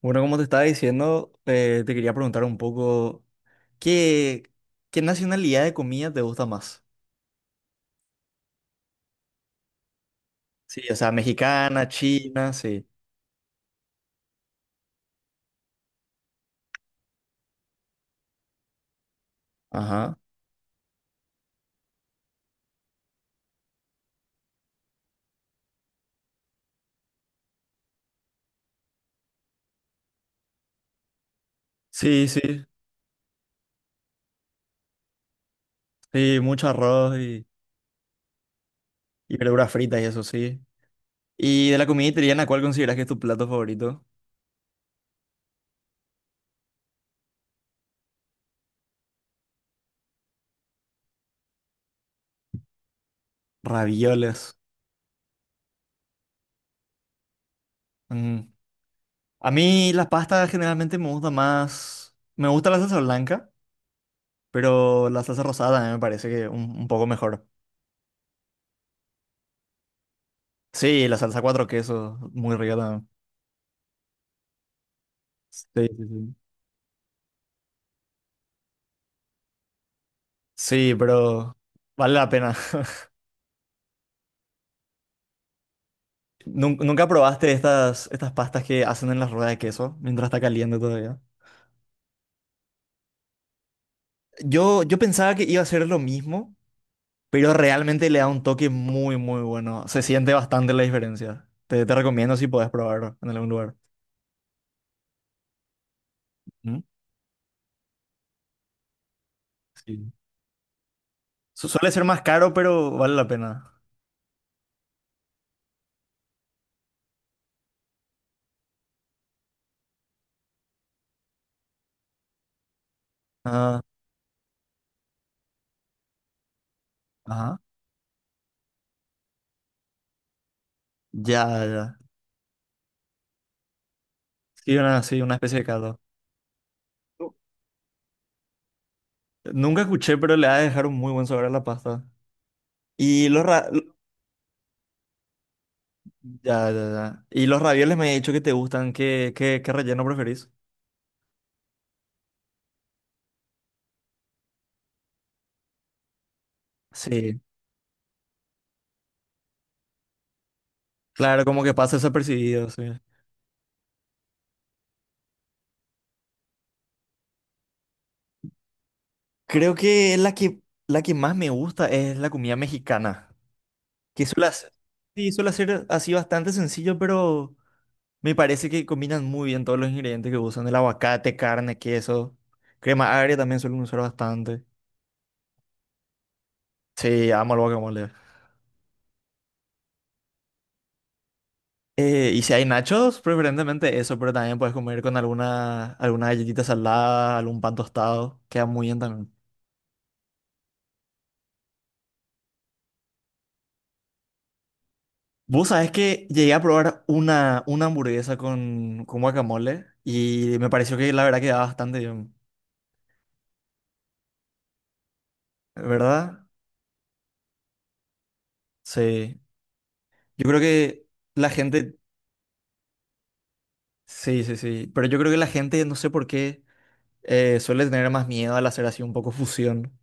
Bueno, como te estaba diciendo, te quería preguntar un poco, ¿qué, qué nacionalidad de comida te gusta más? Sí, o sea, mexicana, china, sí. Ajá. Sí, sí, sí, mucho arroz y verduras fritas y eso, sí. Y de la comida italiana, ¿cuál consideras que es tu plato favorito? Ravioles. Mm. A mí las pastas generalmente me gusta más, me gusta la salsa blanca, pero la salsa rosada también me parece que un poco mejor. Sí, la salsa cuatro quesos, muy rica también. Sí, sí, sí. Sí, pero vale la pena. ¿Nunca probaste estas, estas pastas que hacen en las ruedas de queso mientras está caliente todavía? Yo pensaba que iba a ser lo mismo, pero realmente le da un toque muy, muy bueno. Se siente bastante la diferencia. Te recomiendo si podés probarlo en algún lugar. ¿Mm? Sí. Suele ser más caro, pero vale la pena. Ah, ajá. Ya, ya. Sí, una especie de caldo. Nunca escuché, pero le ha de dejar un muy buen sabor a la pasta. Y lo, ra- Ya, ya, ya. Y los ravioles me he dicho que te gustan. ¿ qué relleno preferís? Sí, claro, como que pasa desapercibido, sí. Creo que la que, la que más me gusta es la comida mexicana. Que suele hacer, sí, suele ser así bastante sencillo, pero me parece que combinan muy bien todos los ingredientes que usan. El aguacate, carne, queso. Crema agria también suelen usar bastante. Sí, amo el guacamole. Y si hay nachos, preferentemente eso, pero también puedes comer con alguna, alguna galletita salada, algún pan tostado, queda muy bien también. Vos sabés que llegué a probar una hamburguesa con guacamole y me pareció que la verdad quedaba bastante bien, ¿verdad? Sí. Yo creo que la gente, sí, sí, sí, pero yo creo que la gente, no sé por qué, suele tener más miedo al hacer así un poco fusión.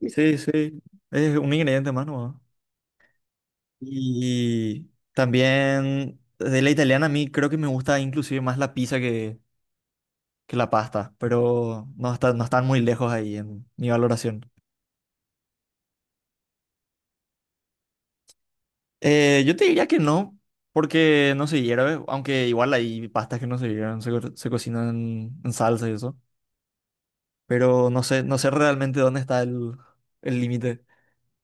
Sí, sí, es un ingrediente más, ¿no? Y también de la italiana a mí creo que me gusta inclusive más la pizza que la pasta, pero no, no están muy lejos ahí en mi valoración. Yo te diría que no, porque no se hierve, aunque igual hay pastas que no se hierven, se cocinan en salsa y eso, pero no sé, no sé realmente dónde está el límite.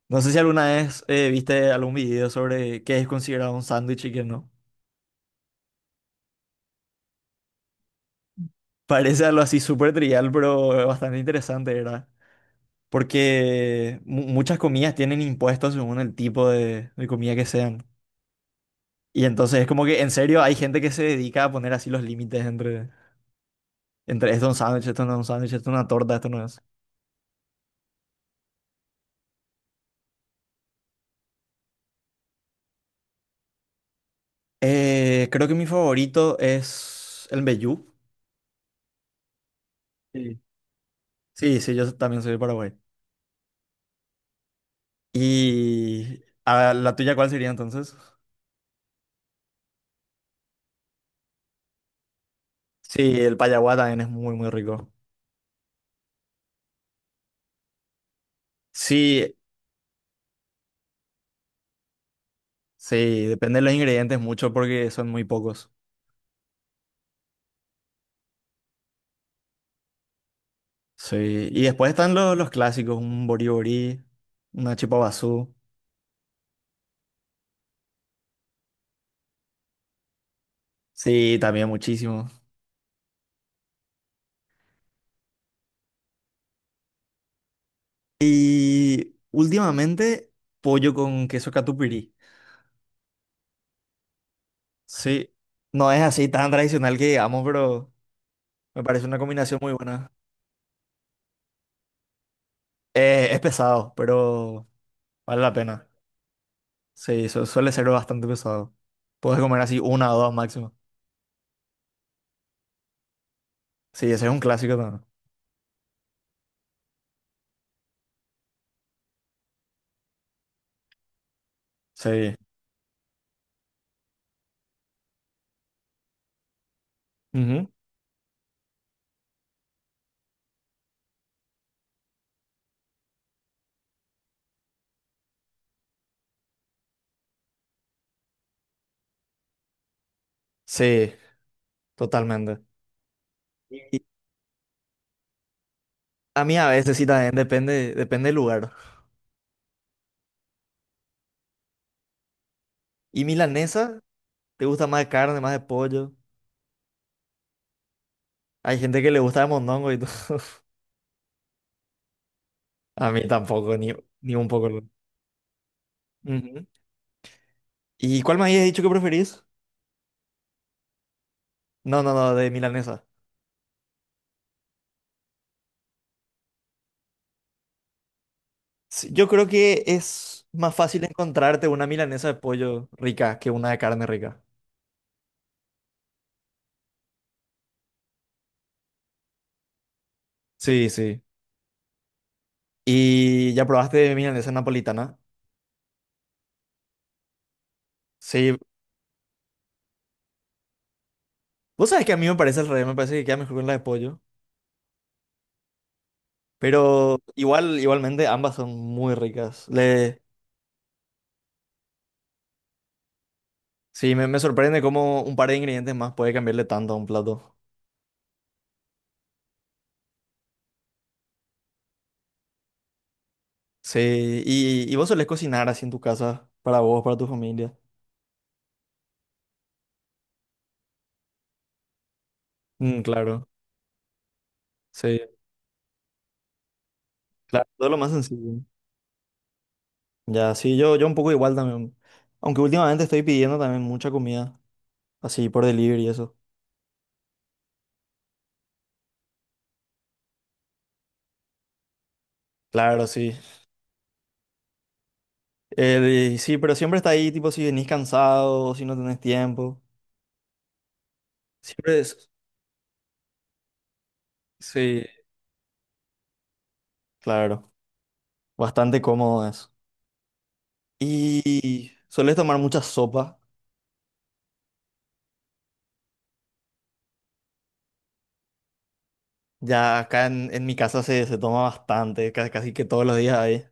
No sé si alguna vez viste algún video sobre qué es considerado un sándwich y qué no. Parece algo así súper trivial, pero bastante interesante, ¿verdad? Porque muchas comidas tienen impuestos según el tipo de comida que sean. Y entonces es como que en serio hay gente que se dedica a poner así los límites entre, entre esto es un sándwich, esto no es un sándwich, esto es una torta, esto no es. Creo que mi favorito es el mbejú. Sí. Sí, sí, yo también soy de Paraguay. ¿Y a la tuya cuál sería entonces? Sí, el payaguá también es muy, muy rico. Sí, sí, depende de los ingredientes mucho porque son muy pocos. Sí, y después están los clásicos, un boriborí, una chipa basú. Sí, también muchísimo. Y últimamente, pollo con queso catupirí. Sí, no es así tan tradicional que digamos, pero me parece una combinación muy buena. Es pesado, pero vale la pena. Sí, suele ser bastante pesado. Puedes comer así una o dos máximo. Sí, ese es un clásico también. Sí. Ujú. Sí, totalmente. Y a mí a veces sí también depende, depende del lugar. ¿Y milanesa? ¿Te gusta más de carne, más de pollo? Hay gente que le gusta de mondongo y todo. A mí tampoco, ni, ni un poco. Ujú. ¿Y cuál me habías dicho que preferís? No, no, no, de milanesa. Sí, yo creo que es más fácil encontrarte una milanesa de pollo rica que una de carne rica. Sí, sí. ¿Y ya probaste milanesa napolitana? Sí. Vos sabés que a mí me parece al revés, me parece que queda mejor con la de pollo. Pero igual, igualmente ambas son muy ricas. Le, sí, me sorprende cómo un par de ingredientes más puede cambiarle tanto a un plato. Sí, y vos solés cocinar así en tu casa, para vos, para tu familia. Mm, claro, sí, claro, todo lo más sencillo. Ya, sí, yo un poco igual también. Aunque últimamente estoy pidiendo también mucha comida, así por delivery y eso. Claro, sí. Y sí, pero siempre está ahí, tipo, si venís cansado, o si no tenés tiempo. Siempre es, sí, claro, bastante cómodo eso. Y solés tomar mucha sopa. Ya acá en mi casa se, se toma bastante, casi, que todos los días hay.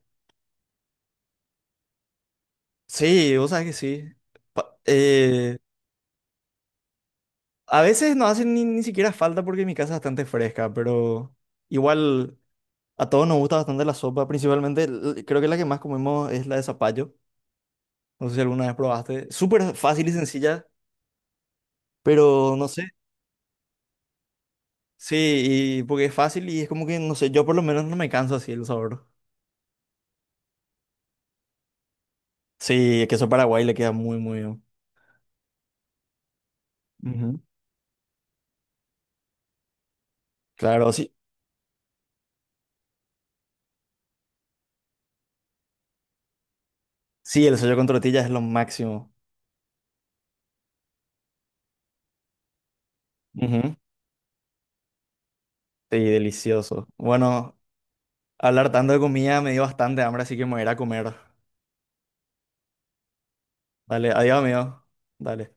Sí, vos sabés que sí. Pa- eh, a veces no hace ni, ni siquiera falta porque mi casa es bastante fresca, pero igual a todos nos gusta bastante la sopa. Principalmente, creo que la que más comemos es la de zapallo. No sé si alguna vez probaste. Súper fácil y sencilla, pero no sé. Sí, y porque es fácil y es como que, no sé, yo por lo menos no me canso así el sabor. Sí, el queso Paraguay le queda muy, muy bien. Ujú. Claro, sí. Sí, el sollo con tortillas es lo máximo. Ujú. Sí, delicioso. Bueno, hablar tanto de comida me dio bastante hambre, así que me voy a ir a comer. Dale, adiós, amigo. Dale.